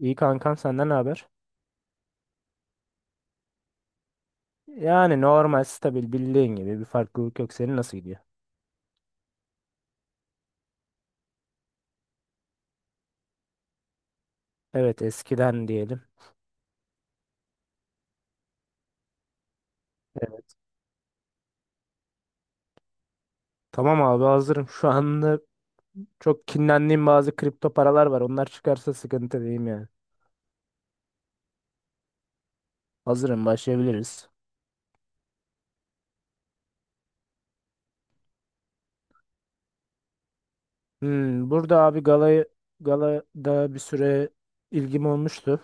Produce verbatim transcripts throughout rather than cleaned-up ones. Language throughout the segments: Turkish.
İyi kankam senden ne haber? Yani normal stabil bildiğin gibi bir farklılık yok. Senin nasıl gidiyor? Evet eskiden diyelim. Evet. Tamam abi hazırım. Şu anda çok kinlendiğim bazı kripto paralar var. Onlar çıkarsa sıkıntı değil yani. Hazırım başlayabiliriz. Hmm, burada abi galayı galada bir süre ilgim olmuştu.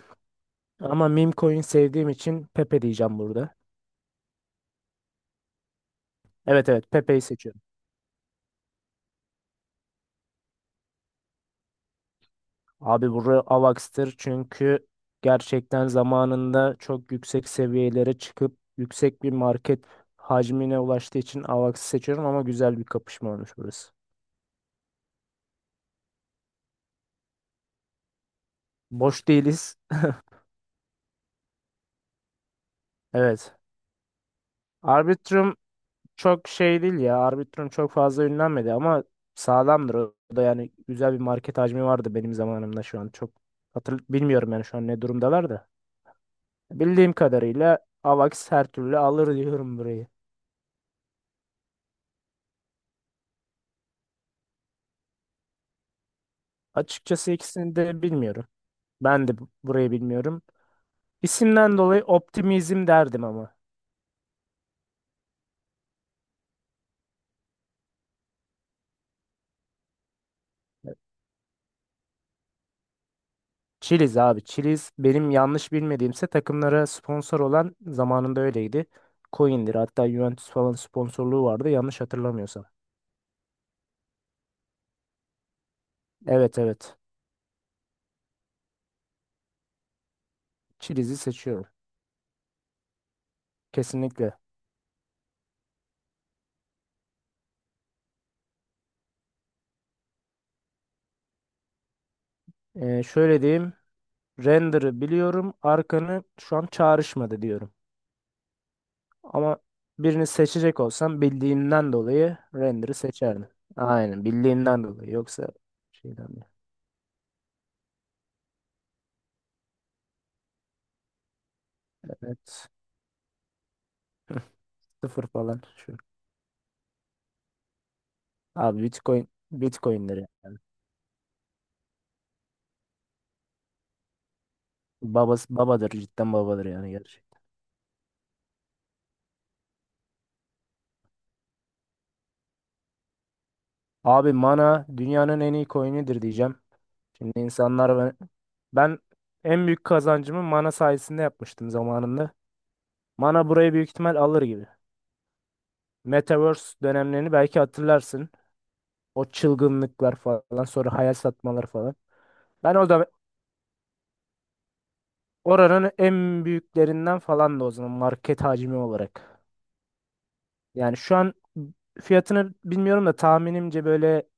Ama meme coin sevdiğim için Pepe diyeceğim burada. Evet evet, Pepe'yi seçiyorum. Abi buraya Avax'tır çünkü gerçekten zamanında çok yüksek seviyelere çıkıp yüksek bir market hacmine ulaştığı için Avax'ı seçiyorum, ama güzel bir kapışma olmuş burası. Boş değiliz. Evet. Arbitrum çok şey değil ya. Arbitrum çok fazla ünlenmedi ama sağlamdır. O da yani güzel bir market hacmi vardı benim zamanımda şu an. Çok hatır bilmiyorum yani şu an ne durumdalar da. Bildiğim kadarıyla Avax her türlü alır diyorum burayı. Açıkçası ikisini de bilmiyorum. Ben de bu- burayı bilmiyorum. İsimden dolayı optimizm derdim ama. Chiliz abi. Chiliz benim yanlış bilmediğimse takımlara sponsor olan, zamanında öyleydi. Coin'dir. Hatta Juventus falan sponsorluğu vardı yanlış hatırlamıyorsam. Evet evet. Chiliz'i seçiyorum. Kesinlikle. Ee, şöyle diyeyim. Render'ı biliyorum. Arkanı şu an çağrışmadı diyorum. Ama birini seçecek olsam bildiğimden dolayı Render'ı seçerdim. Aynen, bildiğimden dolayı. Yoksa şeyden değil. Evet. Sıfır falan şu. Abi Bitcoin Bitcoin'dir yani. Babası babadır, cidden babadır yani, gerçek. Abi mana dünyanın en iyi coin'idir diyeceğim. Şimdi insanlar, ben, ben en büyük kazancımı mana sayesinde yapmıştım zamanında. Mana burayı büyük ihtimal alır gibi. Metaverse dönemlerini belki hatırlarsın. O çılgınlıklar falan, sonra hayal satmaları falan. Ben o da oranın en büyüklerinden falan da o zaman, market hacmi olarak. Yani şu an fiyatını bilmiyorum da tahminimce böyle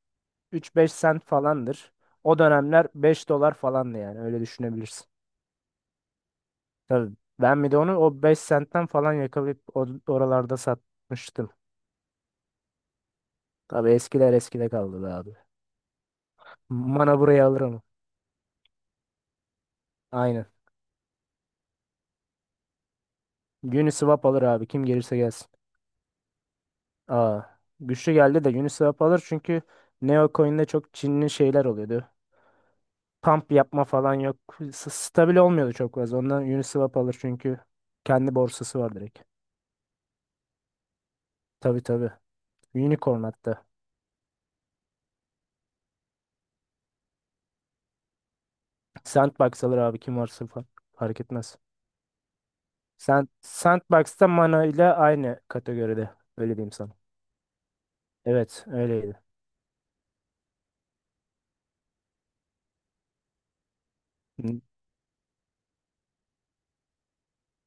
3-5 sent falandır. O dönemler 5 dolar falandı yani, öyle düşünebilirsin. Tabii ben bir de onu o 5 sentten falan yakalayıp o- oralarda satmıştım. Tabii eskiler eskide kaldı be abi. Mana buraya alır ama. Aynen. Uniswap alır abi, kim gelirse gelsin. Aa, güçlü geldi de Uniswap alır çünkü Neocoin'de çok Çinli şeyler oluyordu. Pump yapma falan yok. S- Stabil olmuyordu çok fazla. Ondan Uniswap alır çünkü kendi borsası var direkt. Tabii tabii. Unicorn hatta. Sandbox alır abi, kim varsa fa- fark etmez. Sen Sandbox'ta, Mana ile aynı kategoride. Öyle diyeyim sana. Evet, öyleydi. M-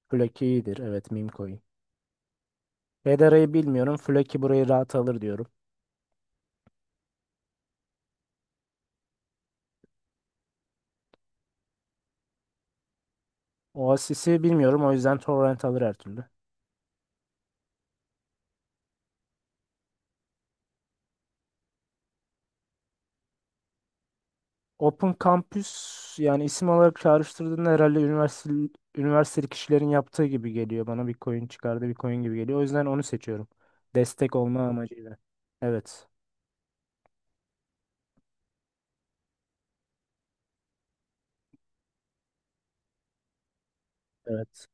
Floki iyidir. Evet, meme coin. Fedara'yı bilmiyorum. Floki burayı rahat alır diyorum. Oasis'i bilmiyorum. O yüzden Torrent alır her türlü. Open Campus yani isim olarak çağrıştırdığında herhalde üniversite üniversiteli kişilerin yaptığı gibi geliyor. Bana bir coin çıkardı, bir coin gibi geliyor. O yüzden onu seçiyorum. Destek olma amacıyla. Evet. Evet.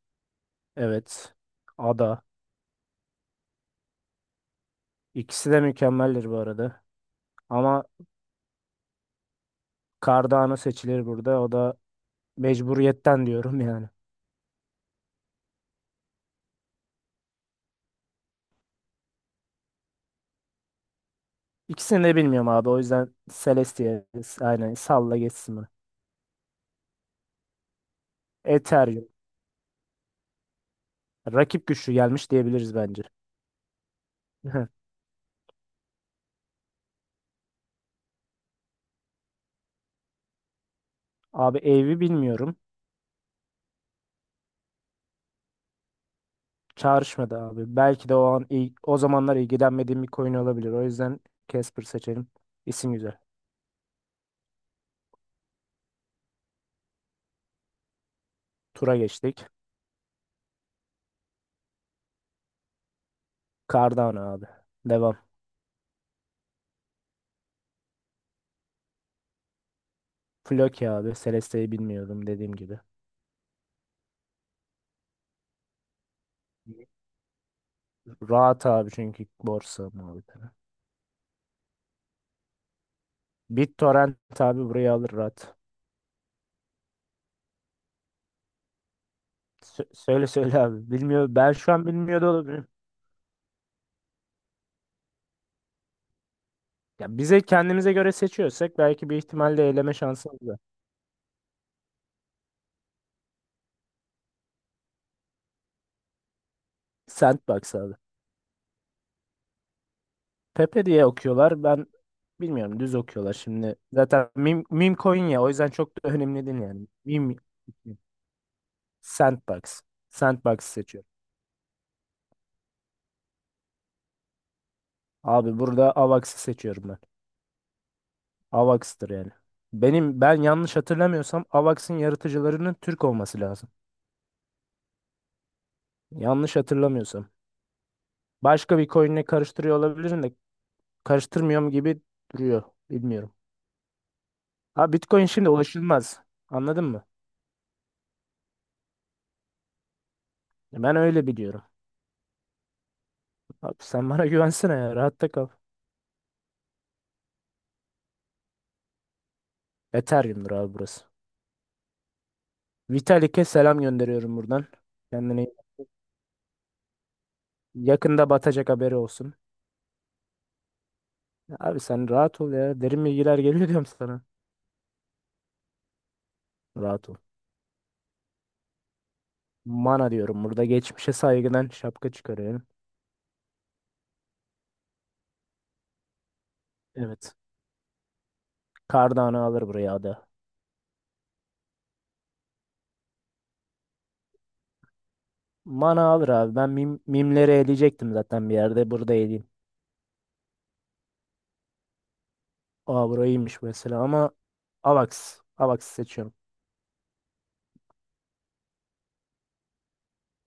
Evet. Ada. İkisi de mükemmeldir bu arada. Ama Cardano seçilir burada. O da mecburiyetten diyorum yani. İkisini de bilmiyorum abi. O yüzden Celestia, aynen salla geçsin bunu. Ethereum. Rakip güçlü gelmiş diyebiliriz bence. Abi Eevee bilmiyorum. Çağrışmadı abi. Belki de o an il- o zamanlar ilgilenmediğim bir coin olabilir. O yüzden Casper seçelim. İsim güzel. Tura geçtik. Cardano abi. Devam. Floki abi. Celeste'yi bilmiyordum, dediğim gibi. Rahat abi, çünkü borsa muhabbetine. BitTorrent abi, burayı alır rahat. Sö- söyle söyle abi. Bilmiyor. Ben şu an bilmiyor da olabilirim. Ya bize kendimize göre seçiyorsak belki bir ihtimalle eleme şansımız var. Sandbox abi. Pepe diye okuyorlar. Ben bilmiyorum, düz okuyorlar şimdi. Zaten meme, meme coin ya, o yüzden çok da önemli değil yani. Meme Sandbox. Sandbox seçiyorum. Abi burada Avax'ı seçiyorum ben. Avax'tır yani. Benim ben yanlış hatırlamıyorsam Avax'ın yaratıcılarının Türk olması lazım. Yanlış hatırlamıyorsam. Başka bir coin'le karıştırıyor olabilirim de karıştırmıyorum gibi duruyor. Bilmiyorum. Ha, Bitcoin şimdi ulaşılmaz. Anladın mı? Ben öyle biliyorum. Abi sen bana güvensene ya. Rahatta kal. Ethereum'dur abi burası. Vitalik'e selam gönderiyorum buradan. Kendini yakında batacak, haberi olsun. Abi sen rahat ol ya. Derin bilgiler geliyor diyorum sana. Rahat ol. Mana diyorum burada, geçmişe saygıdan şapka çıkarıyorum. Evet. Cardano alır buraya adı. Mana alır abi. Ben mim, mimleri eleyecektim zaten bir yerde. Burada eleyeyim. Aa, burayıymış mesela ama Avax. Avax seçiyorum.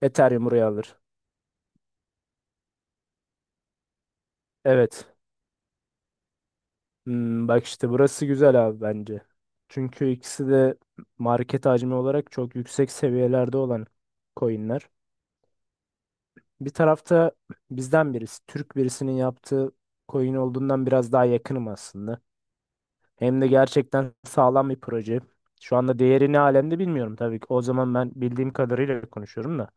Ethereum buraya alır. Evet. Hmm, bak işte burası güzel abi bence. Çünkü ikisi de market hacmi olarak çok yüksek seviyelerde olan coinler. Bir tarafta bizden birisi, Türk birisinin yaptığı coin olduğundan biraz daha yakınım aslında. Hem de gerçekten sağlam bir proje. Şu anda değeri ne alemde bilmiyorum tabii ki. O zaman ben bildiğim kadarıyla konuşuyorum da.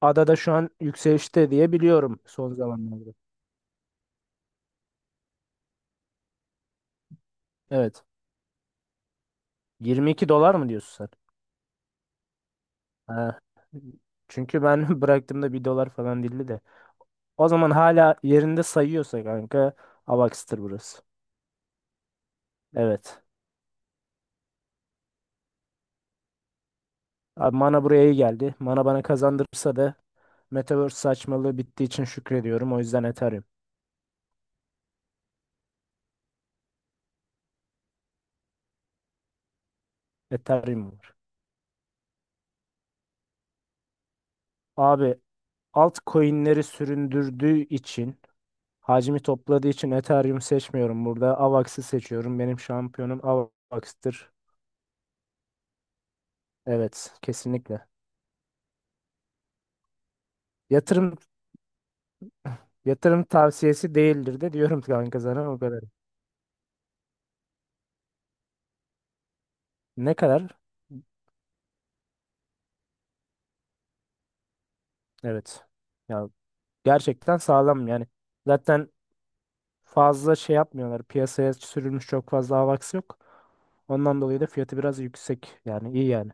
Adada şu an yükselişte diye biliyorum son zamanlarda. Evet. yirmi iki dolar mı diyorsun sen? Ha. Çünkü ben bıraktığımda bir dolar falan değildi de. O zaman hala yerinde sayıyorsa kanka, Avax'tır burası. Evet. Abi mana buraya iyi geldi. Mana bana kazandırırsa da Metaverse saçmalığı bittiği için şükrediyorum. O yüzden Ethereum. Ethereum var. Abi altcoin'leri süründürdüğü için, hacmi topladığı için Ethereum seçmiyorum burada. Avax'ı seçiyorum. Benim şampiyonum Avax'tır. Evet, kesinlikle. Yatırım Yatırım tavsiyesi değildir de diyorum kanka sana, o kadar. Ne kadar? Evet. Ya, gerçekten sağlam yani. Zaten fazla şey yapmıyorlar. Piyasaya sürülmüş çok fazla Avax yok. Ondan dolayı da fiyatı biraz yüksek. Yani iyi yani.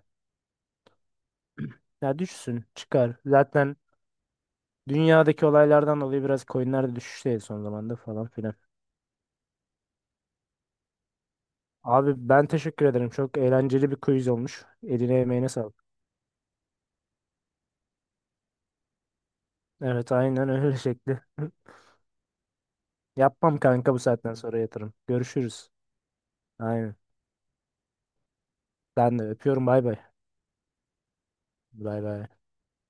Ya düşsün, çıkar. Zaten dünyadaki olaylardan dolayı biraz coinler de düşüşteydi son zamanda falan filan. Abi ben teşekkür ederim. Çok eğlenceli bir quiz olmuş. Eline emeğine sağlık. Evet aynen öyle şekli. Yapmam kanka bu saatten sonra yatırım. Görüşürüz. Aynen. Ben de öpüyorum, bay bay. Bay bay.